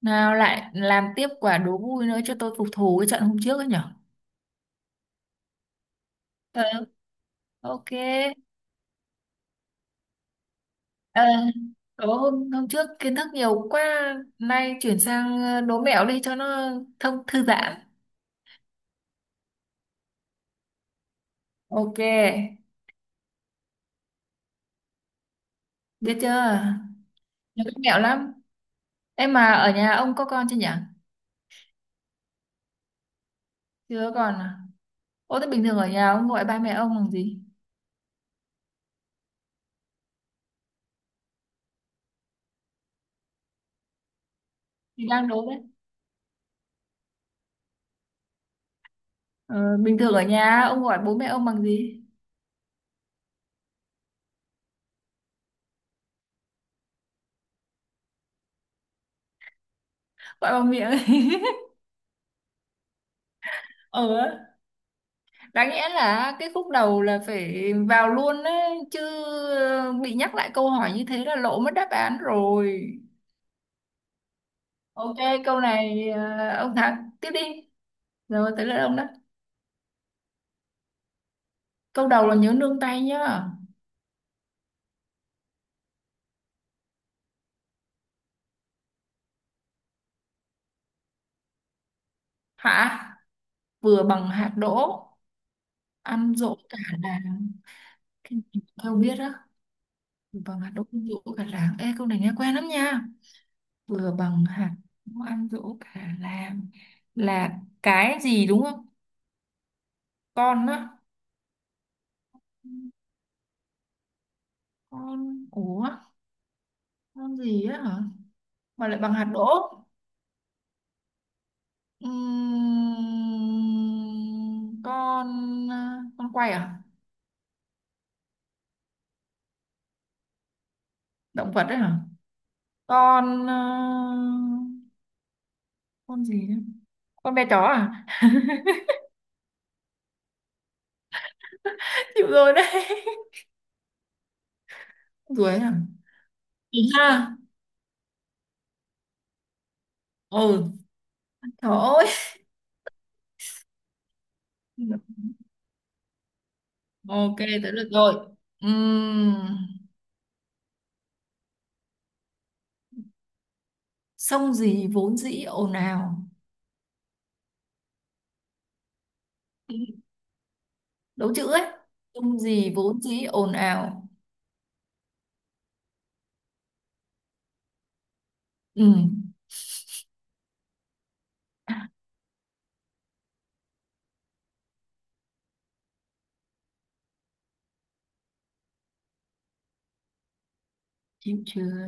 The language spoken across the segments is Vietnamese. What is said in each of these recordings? Nào lại làm tiếp quả đố vui nữa cho tôi phục thù cái trận hôm trước ấy nhở. Ờ, ok. Ờ, đố hôm trước kiến thức nhiều quá. Nay chuyển sang đố mẹo đi cho nó thông thư giãn. Ok. Biết chưa? Nhiều cách mẹo lắm. Em mà ở nhà ông có con chưa nhỉ? Chưa còn à? Ô thế bình thường ở nhà ông gọi ba mẹ ông bằng gì? Thì đang đố đấy. Ờ, bình thường ở nhà ông gọi bố mẹ ông bằng gì? Gọi bằng miệng. Ờ, đáng nghĩa là cái khúc đầu là phải vào luôn đấy chứ. Bị nhắc lại câu hỏi như thế là lộ mất đáp án rồi. Ok, câu này à, ông thắng tiếp đi, rồi tới lượt ông đó. Câu đầu là nhớ nương tay nhá. Hả? Vừa bằng hạt đỗ ăn dỗ cả làng. Cái gì mà biết á. Vừa bằng hạt đỗ ăn dỗ cả làng, ê câu này nghe quen lắm nha. Vừa bằng hạt đỗ ăn dỗ cả làng là cái gì đúng không? Con á, con ủa, con gì á hả? Mà lại bằng hạt đỗ. Con con quay à? Động vật đấy hả? Con ờ, con gì nữa? Con bé chó à? Chịu rồi đấy. Ruồi à? Đúng ha. Ừ, trời ơi. Ok, tới được rồi. Ừm, Sông gì vốn dĩ ồn ào. Đố chữ ấy. Sông gì vốn dĩ ồn ào. Ừm. À, chịu chưa?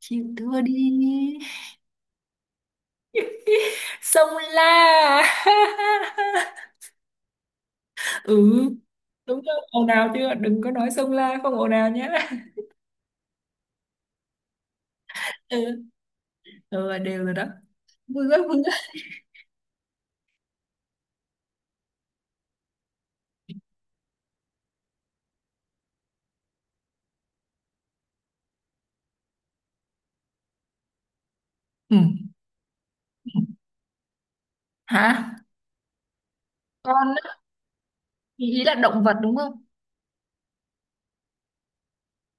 Chịu thua đi. Sông La. Ừ, đúng rồi, ồn ào chưa, đừng có nói sông La không ồn ào nhé. ừ, ừ đều rồi đó. Vui quá vui quá. Ừ. Hả? Con á, thì ý là động vật đúng không?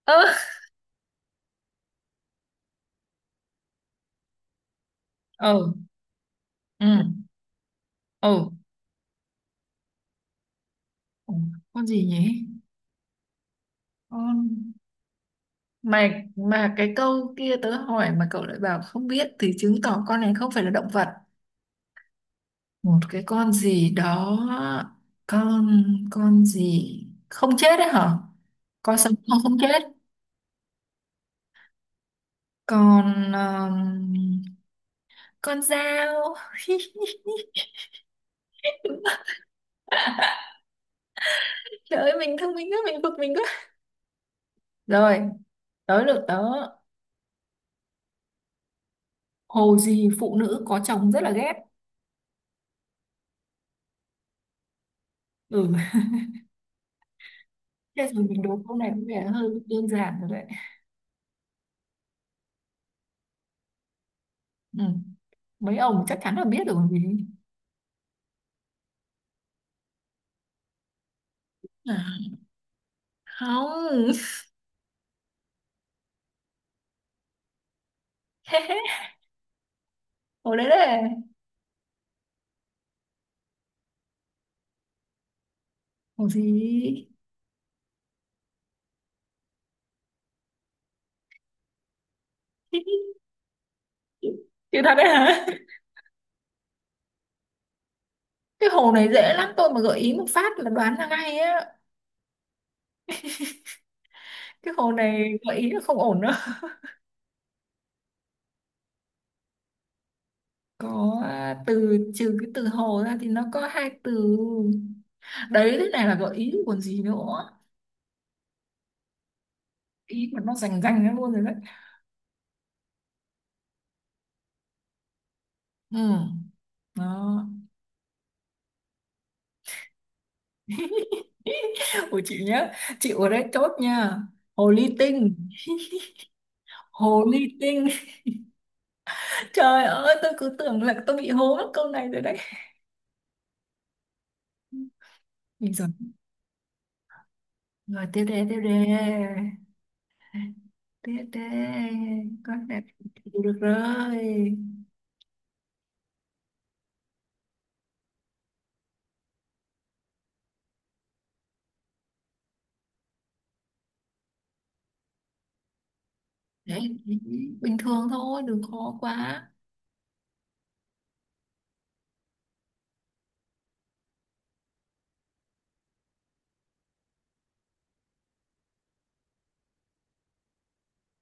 Ơ, ừ ừ ừ. Ủa, con gì nhỉ, con mà mà cái câu kia tớ hỏi mà cậu lại bảo không biết thì chứng tỏ con này không phải là động vật. Một cái con gì đó, con con gì không chết đấy hả? Con sống không, không chết. Con um, con dao. Trời ơi, mình thông minh quá, mình bực mình quá. Rồi, tới lượt tớ. Hồ gì phụ nữ có chồng rất là ghét. Ừ, thế rồi mình đố câu này có vẻ hơi đơn giản rồi đấy. Ừ, mấy ông chắc chắn là biết rồi vì à, không. Hồ đấy đấy. Hồ gì. Chữ thật đấy hả? Cái hồ này dễ lắm, tôi mà gợi ý một phát là đoán ra ngay á. Cái hồ này gợi ý là không ổn đâu. Có à, từ trừ cái từ hồ ra thì nó có hai từ. Đấy, thế này là gợi ý còn gì nữa, ý mà nó rành rành ra luôn rồi đấy. Ừ. Đó. Của chị nhá, chịu ở đây chốt nha. Hồ ly tinh. Hồ ly tinh. Trời ơi, tôi cứ tưởng là tôi bị hố mất câu này rồi đấy. Bây giờ rồi, tiếp đề tiếp đề. Tê tê, con đẹp chịu được rồi. Đấy, bình thường thôi, đừng khó quá.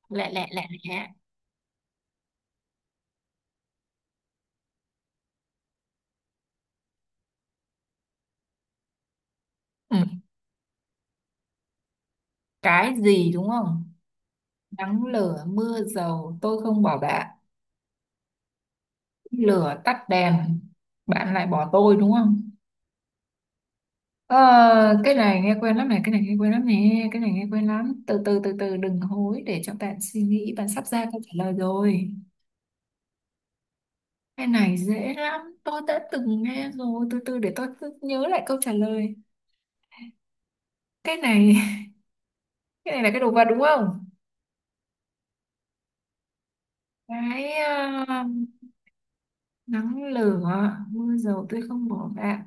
Lẹ lẹ lẹ lẹ. Ừ. Cái gì đúng không? Nắng lửa mưa dầu tôi không bỏ bạn. Lửa tắt đèn, bạn lại bỏ tôi đúng không? Ờ, cái này nghe quen lắm này, cái này nghe quen lắm nè, cái này nghe quen lắm. Từ từ từ từ đừng hối để cho bạn suy nghĩ, bạn sắp ra câu trả lời rồi. Cái này dễ lắm, tôi đã từng nghe rồi, từ từ để tôi cứ nhớ lại câu trả lời. Cái này cái này là cái đồ vật đúng không? Cái à, nắng lửa mưa dầu tôi không bỏ bạn.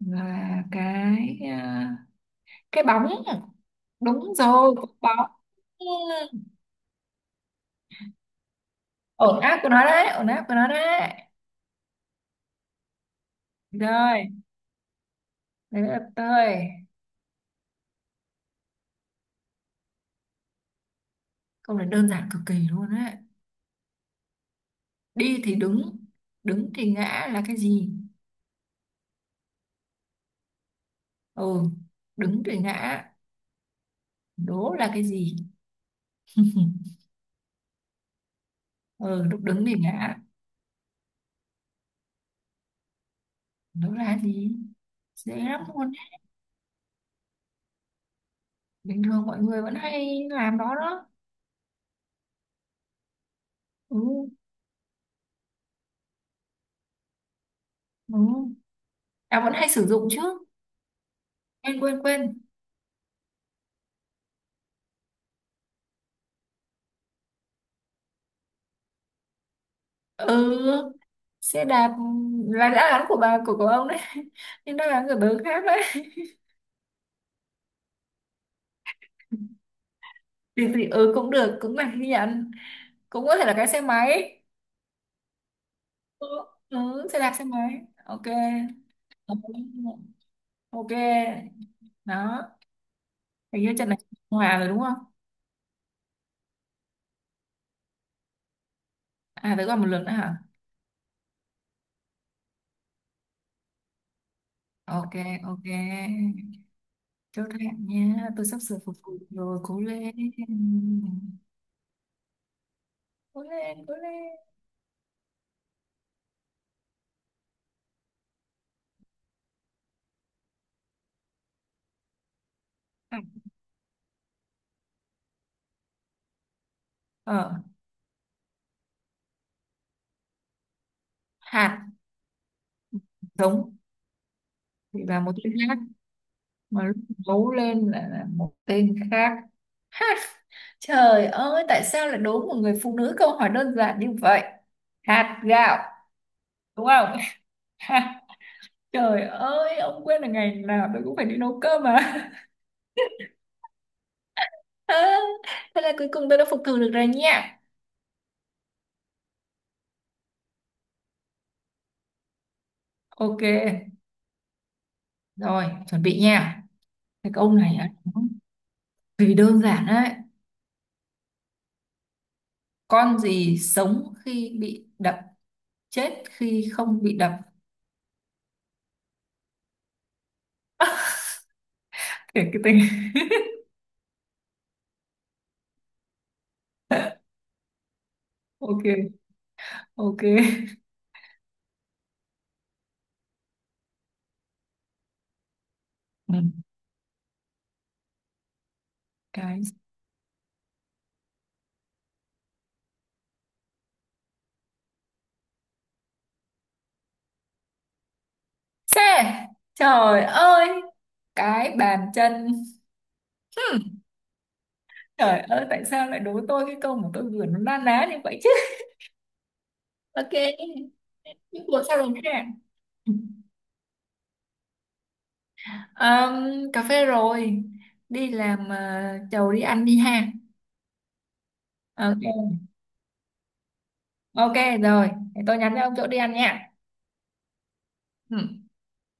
Và cái à, cái bóng, đúng rồi cái bóng. Ừ. Ổn áp của nó đấy, ổn áp của nó đấy. Rồi, đấy là tôi. Câu này đơn giản cực kỳ luôn đấy. Đi thì đứng, đứng thì ngã là cái gì? Ừ, đứng thì ngã, đố là cái gì? Ừ, lúc đứng thì ngã, đố là cái gì? Dễ lắm luôn. Bình thường mọi người vẫn hay làm đó đó. Ừ. Ừ. À vẫn hay sử dụng chứ. Quên quên quên. Ừ, xe đạp là đã gắn của bà của ông đấy. Nhưng đó là người bớ khác đấy. Thì ừ cũng được, cũng là ghi nhận. Cũng có thể là cái xe máy. Ừ, ừ xe đạp xe máy ok. Ừ, ok. Đó, hình như trận này hòa rồi đúng không? À tới còn một lượt nữa hả? Ok, ok. Chốt hạ nha, tôi sắp sửa phục vụ rồi, cố lên cố lên cố lên. À, ờ, hạt giống thì là một tên khác, mà lúc nấu lên lại là một tên khác. Ha, trời ơi tại sao lại đố một người phụ nữ câu hỏi đơn giản như vậy. Hạt gạo, đúng không? Ha, trời ơi ông quên là ngày nào tôi cũng phải đi nấu cơm mà. À, thế là cuối cùng tôi đã phục thù được rồi nha. Ok, rồi chuẩn bị nha. Cái câu này á, nó vì đơn giản đấy. Con gì sống khi bị đập, chết khi không bị đập. Kể cái tên. Ok, ok. Ừ. Cái xe, trời ơi, cái bàn chân. Hmm, trời ơi tại sao lại đố tôi cái câu mà tôi vừa nó na ná như vậy chứ. Ok, những cuộc sao rồi nè. Cà phê rồi đi làm, chầu đi ăn đi ha. Ờ, ok. Ok rồi, để tôi nhắn cho ông chỗ đi ăn nha. Ừ.